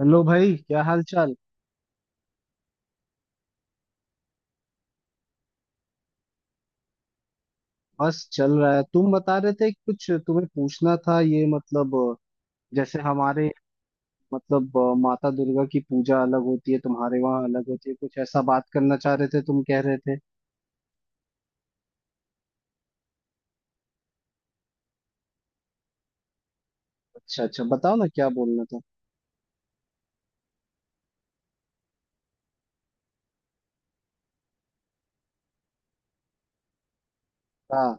Hello भाई, क्या हाल चाल। बस चल रहा है। तुम बता रहे थे कि कुछ तुम्हें पूछना था, ये मतलब जैसे हमारे, मतलब माता दुर्गा की पूजा अलग होती है, तुम्हारे वहाँ अलग होती है। कुछ ऐसा बात करना चाह रहे थे, तुम कह रहे थे। अच्छा अच्छा, बताओ ना क्या बोलना था। हाँ।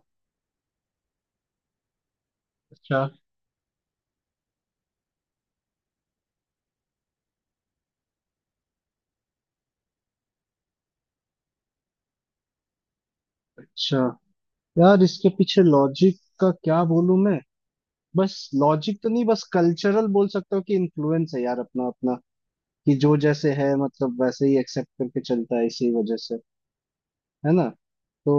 अच्छा अच्छा। यार, इसके पीछे लॉजिक का क्या बोलूं मैं। बस। लॉजिक तो नहीं, बस कल्चरल बोल सकता हूँ कि इन्फ्लुएंस है यार, अपना अपना। कि जो जैसे है मतलब वैसे ही एक्सेप्ट करके चलता है इसी वजह से। है ना। तो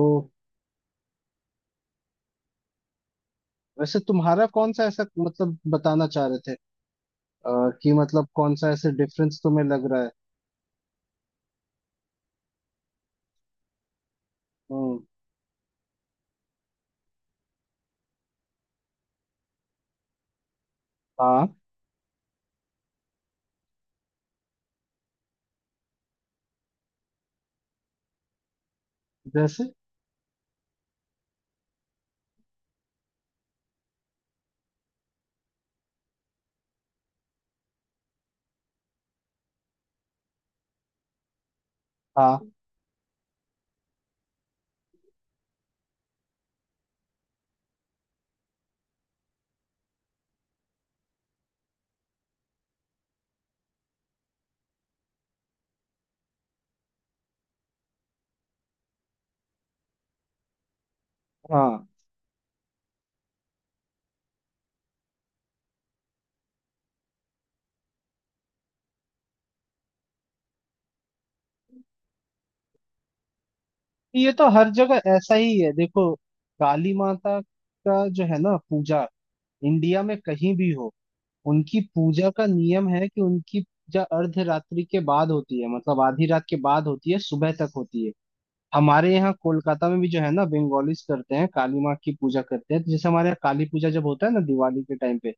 वैसे तुम्हारा कौन सा ऐसा मतलब बताना चाह रहे थे, कि मतलब कौन सा ऐसे डिफरेंस तुम्हें लग रहा है। हम्म। हाँ। जैसे। हाँ हाँ। ये तो हर जगह ऐसा ही है देखो। काली माता का जो है ना पूजा, इंडिया में कहीं भी हो, उनकी पूजा का नियम है कि उनकी पूजा अर्धरात्रि के बाद होती है, मतलब आधी रात के बाद होती है, सुबह तक होती है। हमारे यहाँ कोलकाता में भी जो है ना बंगालीज करते हैं, काली माँ की पूजा करते हैं। तो जैसे हमारे यहाँ काली पूजा जब होता है ना दिवाली के टाइम पे,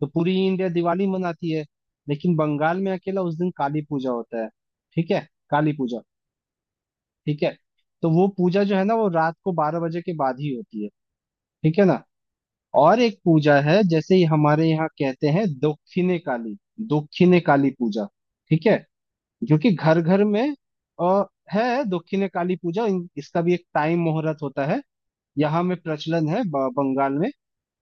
तो पूरी इंडिया दिवाली मनाती है लेकिन बंगाल में अकेला उस दिन काली पूजा होता है। ठीक है। काली पूजा। ठीक है। तो वो पूजा जो है ना, वो रात को 12 बजे के बाद ही होती है। ठीक है ना। और एक पूजा है, जैसे ही हमारे यहाँ कहते हैं दक्षिणे काली। दक्षिणे काली पूजा। ठीक है। जो कि घर घर में आ, है, दक्षिणे काली पूजा। इसका भी एक टाइम मुहूर्त होता है। यहाँ में प्रचलन है बंगाल में।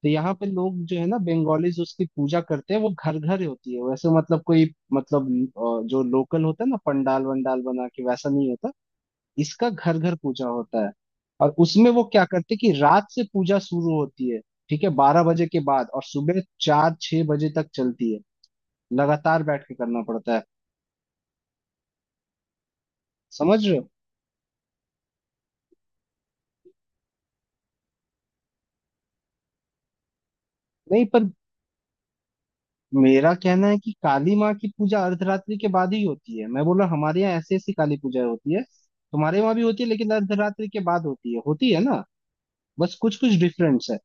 तो यहाँ पे लोग जो है ना बंगालीज उसकी पूजा करते हैं, वो घर घर होती है। वैसे मतलब कोई, मतलब जो लोकल होता है ना पंडाल वंडाल बना के, वैसा नहीं होता। इसका घर घर पूजा होता है। और उसमें वो क्या करते हैं कि रात से पूजा शुरू होती है, ठीक है 12 बजे के बाद, और सुबह 4-6 बजे तक चलती है। लगातार बैठ के करना पड़ता है। समझ रहे हो। नहीं पर, मेरा कहना है कि काली माँ की पूजा अर्धरात्रि के बाद ही होती है। मैं बोला हमारे यहाँ ऐसी ऐसी काली पूजा होती है, तुम्हारे वहां भी होती है लेकिन अर्धरात्रि के बाद होती है। होती है ना। बस कुछ कुछ डिफरेंस है।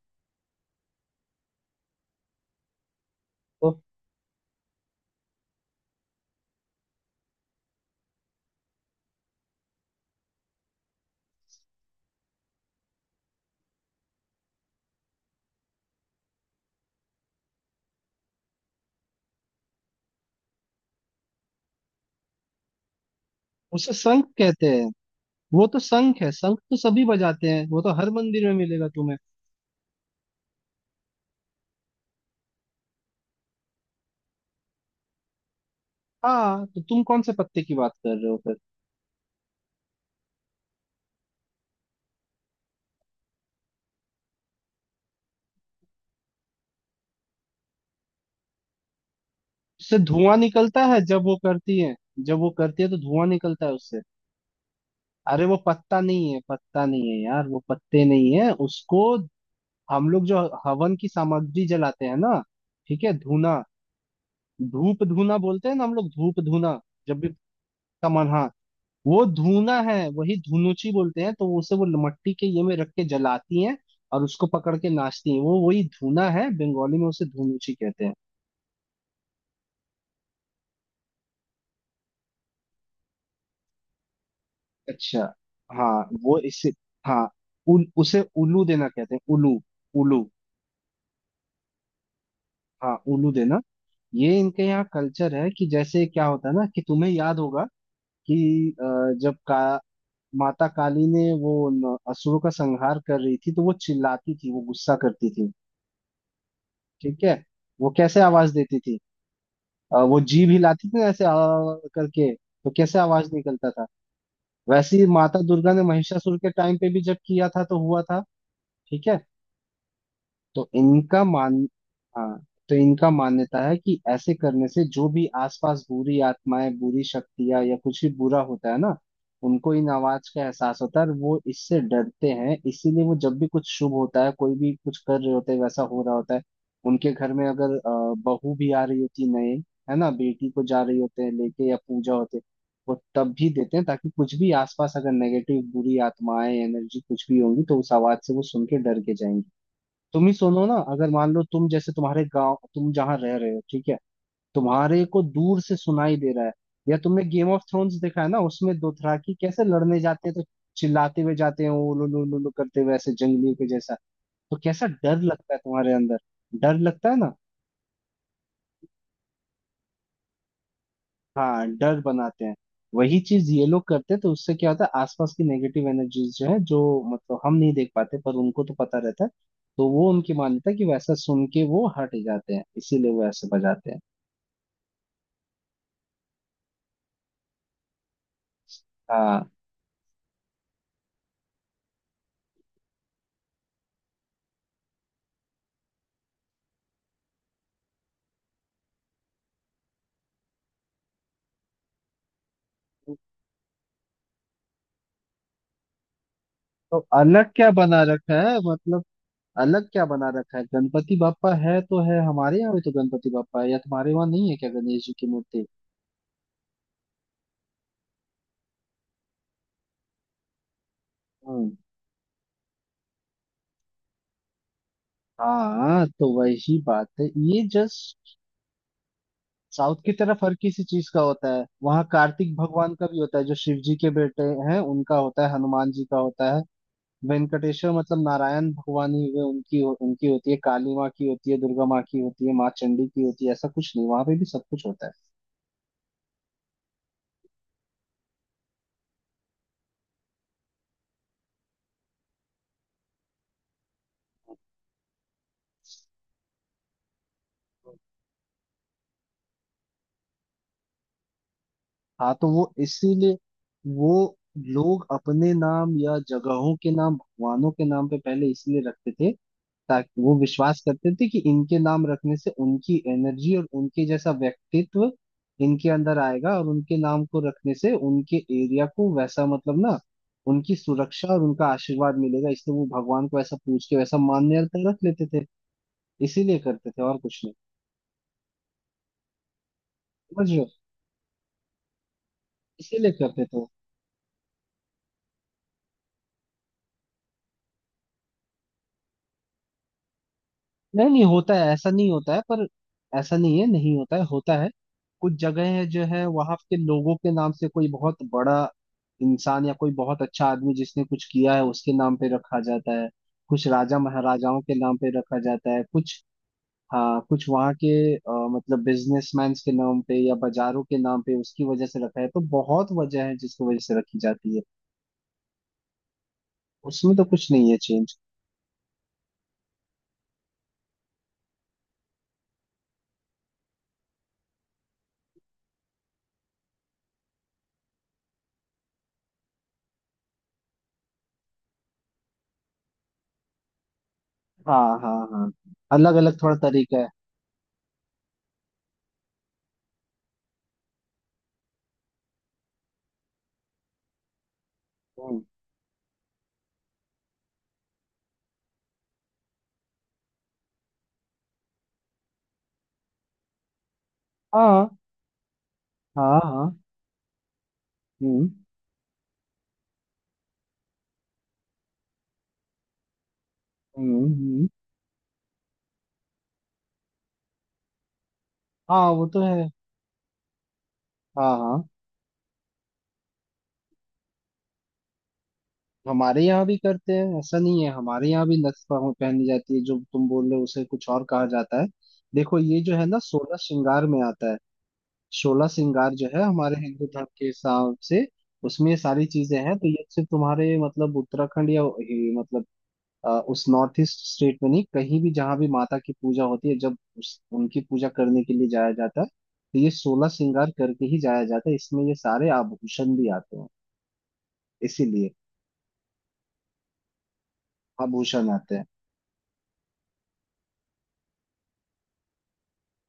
तो उसे शंख कहते हैं। वो तो शंख है, शंख तो सभी बजाते हैं, वो तो हर मंदिर में मिलेगा तुम्हें। हाँ तो तुम कौन से पत्ते की बात कर रहे हो फिर। उससे धुआं निकलता है जब वो करती है। जब वो करती है तो धुआं निकलता है उससे। अरे वो पत्ता नहीं है, पत्ता नहीं है यार, वो पत्ते नहीं है उसको। हम लोग जो हवन की सामग्री जलाते हैं ना, ठीक है, धूना, धूप धूना बोलते हैं ना हम लोग, धूप धूना। जब भी तमन्हा वो धूना है, वही धुनुची बोलते हैं। तो उसे वो मट्टी के ये में रख के जलाती हैं, और उसको पकड़ के नाचती हैं। वो वही धूना है, बंगाली में उसे धुनुची कहते हैं। अच्छा। हाँ। वो इसे, हाँ, उसे उल्लू देना कहते हैं, उल्लू। उल्लू। हाँ, उल्लू देना। ये इनके यहाँ कल्चर है कि जैसे क्या होता है ना कि तुम्हें याद होगा कि जब का माता काली ने वो असुरों का संहार कर रही थी, तो वो चिल्लाती थी, वो गुस्सा करती थी। ठीक है। वो कैसे आवाज देती थी। वो जीभ हिलाती थी ना ऐसे आ करके, तो कैसे आवाज निकलता था। वैसे ही माता दुर्गा ने महिषासुर के टाइम पे भी जब किया था तो हुआ था। ठीक है। तो इनका मान हाँ, तो इनका मान्यता है कि ऐसे करने से जो भी आसपास बुरी आत्माएं, बुरी शक्तियां या कुछ भी बुरा होता है ना, उनको इन आवाज का एहसास होता है, और वो इससे डरते हैं। इसीलिए वो जब भी कुछ शुभ होता है, कोई भी कुछ कर रहे होते हैं, वैसा हो रहा होता है, उनके घर में, अगर बहू भी आ रही होती नए, है ना, बेटी को जा रही होते हैं लेके, या पूजा होते हैं, वो तब भी देते हैं, ताकि कुछ भी आसपास अगर नेगेटिव बुरी आत्माएं, एनर्जी कुछ भी होंगी तो उस आवाज से वो सुन के डर के जाएंगी। तुम ही सुनो ना, अगर मान लो तुम, जैसे तुम्हारे गांव तुम जहाँ रह रहे हो, ठीक है, तुम्हारे को दूर से सुनाई दे रहा है, या तुमने गेम ऑफ थ्रोन्स देखा है ना, उसमें दोथराकी कैसे लड़ने जाते हैं, तो चिल्लाते हुए जाते हैं, उलू लू लू लू करते हुए ऐसे जंगलियों के जैसा। तो कैसा डर लगता है तुम्हारे अंदर। डर लगता है ना। हाँ, डर बनाते हैं। वही चीज ये लोग करते हैं, तो उससे क्या होता है, आसपास की नेगेटिव एनर्जीज जो है, जो मतलब हम नहीं देख पाते पर उनको तो पता रहता है। तो वो उनकी मान्यता है कि वैसा सुन के वो हट जाते हैं, इसीलिए वो ऐसे बजाते हैं। हाँ। तो अलग क्या बना रखा है मतलब, अलग क्या बना रखा है। गणपति बापा है तो है हमारे यहाँ भी, तो गणपति बापा है, या तुम्हारे वहाँ नहीं है क्या गणेश जी की मूर्ति। हम्म। हाँ तो वही बात है ये जस्ट। साउथ की तरफ हर किसी चीज का होता है, वहाँ कार्तिक भगवान का भी होता है, जो शिव जी के बेटे हैं, उनका होता है, हनुमान जी का होता है। वेंकटेश्वर मतलब नारायण भगवान ही हुए, उनकी उनकी होती है, काली माँ की होती है, दुर्गा माँ की होती है, माँ चंडी की होती है। ऐसा कुछ नहीं, वहां पे भी सब कुछ होता है। हाँ, तो वो इसीलिए वो लोग अपने नाम या जगहों के नाम भगवानों के नाम पे पहले इसलिए रखते थे, ताकि वो विश्वास करते थे कि इनके नाम रखने से उनकी एनर्जी और उनके जैसा व्यक्तित्व इनके अंदर आएगा, और उनके नाम को रखने से उनके एरिया को वैसा, मतलब ना, उनकी सुरक्षा और उनका आशीर्वाद मिलेगा। इसलिए वो भगवान को ऐसा पूछ के वैसा मान्य रख लेते थे। इसीलिए करते थे, और कुछ नहीं। समझ रहे हो। इसीलिए करते थे। नहीं, नहीं होता है, ऐसा नहीं होता है पर, ऐसा नहीं है, नहीं होता है, होता है। कुछ जगह है जो है वहां के लोगों के नाम से, कोई बहुत बड़ा इंसान या कोई बहुत अच्छा आदमी जिसने कुछ किया है उसके नाम पे रखा जाता है, कुछ राजा महाराजाओं के नाम पे रखा जाता है, कुछ, हाँ, कुछ वहाँ के अ, मतलब बिजनेसमैन के नाम पे या बाजारों के नाम पे, उसकी वजह से रखा है। तो बहुत वजह है जिसकी वजह से रखी जाती है। उसमें तो कुछ नहीं है चेंज। हाँ हाँ हाँ। अलग अलग थोड़ा तरीका है। हम्म। हाँ हाँ हाँ। हम्म हम्म हम्म। हाँ, वो तो है। हाँ हाँ। हमारे यहाँ भी करते हैं, ऐसा नहीं है। हमारे यहाँ भी नथ पहनी जाती है, जो तुम बोल रहे हो उसे कुछ और कहा जाता है। देखो, ये जो है ना, सोलह श्रृंगार में आता है। सोलह श्रृंगार जो है हमारे हिंदू धर्म के हिसाब से, उसमें ये सारी चीजें हैं। तो ये सिर्फ तुम्हारे मतलब उत्तराखंड या मतलब उस नॉर्थ ईस्ट स्टेट में नहीं, कहीं भी जहां भी माता की पूजा होती है, जब उस उनकी पूजा करने के लिए जाया जाता है, तो ये सोलह श्रृंगार करके ही जाया जाता है। इसमें ये सारे आभूषण भी आते हैं। इसीलिए आभूषण आते हैं।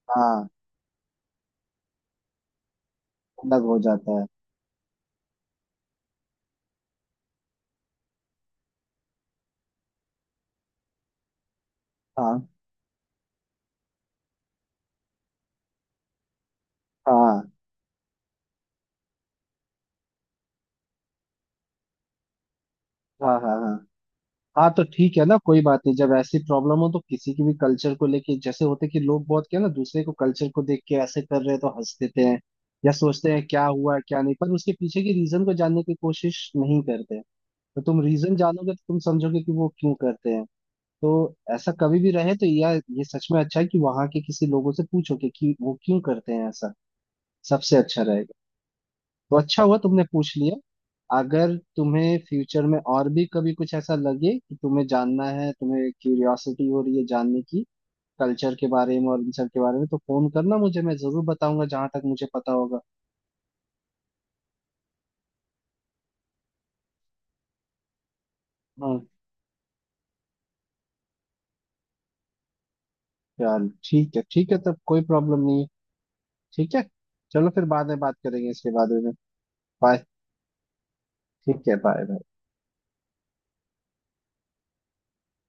हाँ। अलग हो जाता है। हाँ हाँ हाँ हाँ हाँ। हाँ तो ठीक है ना, कोई बात नहीं। जब ऐसी प्रॉब्लम हो तो किसी की भी कल्चर को लेके, जैसे होते कि लोग बहुत क्या ना, दूसरे को कल्चर को देख के ऐसे कर रहे हैं तो हंस देते हैं, या सोचते हैं क्या हुआ क्या नहीं, पर उसके पीछे की रीजन को जानने की कोशिश नहीं करते। तो तुम रीजन जानोगे तो तुम समझोगे कि वो क्यों करते हैं। तो ऐसा कभी भी रहे तो, या ये सच में अच्छा है कि वहां के किसी लोगों से पूछोगे कि वो क्यों करते हैं ऐसा, सबसे अच्छा रहेगा। तो अच्छा हुआ तुमने पूछ लिया। अगर तुम्हें फ्यूचर में और भी कभी कुछ ऐसा लगे कि तुम्हें जानना है, तुम्हें क्यूरियोसिटी हो रही है जानने की, कल्चर के बारे में और इन सब के बारे में, तो फोन करना मुझे, मैं जरूर बताऊंगा जहां तक मुझे पता होगा। हाँ। चल ठीक है, ठीक है, तब कोई प्रॉब्लम नहीं है। ठीक है। चलो फिर बाद में बात करेंगे इसके बारे में। Bye. ठीक है, बाय बाय।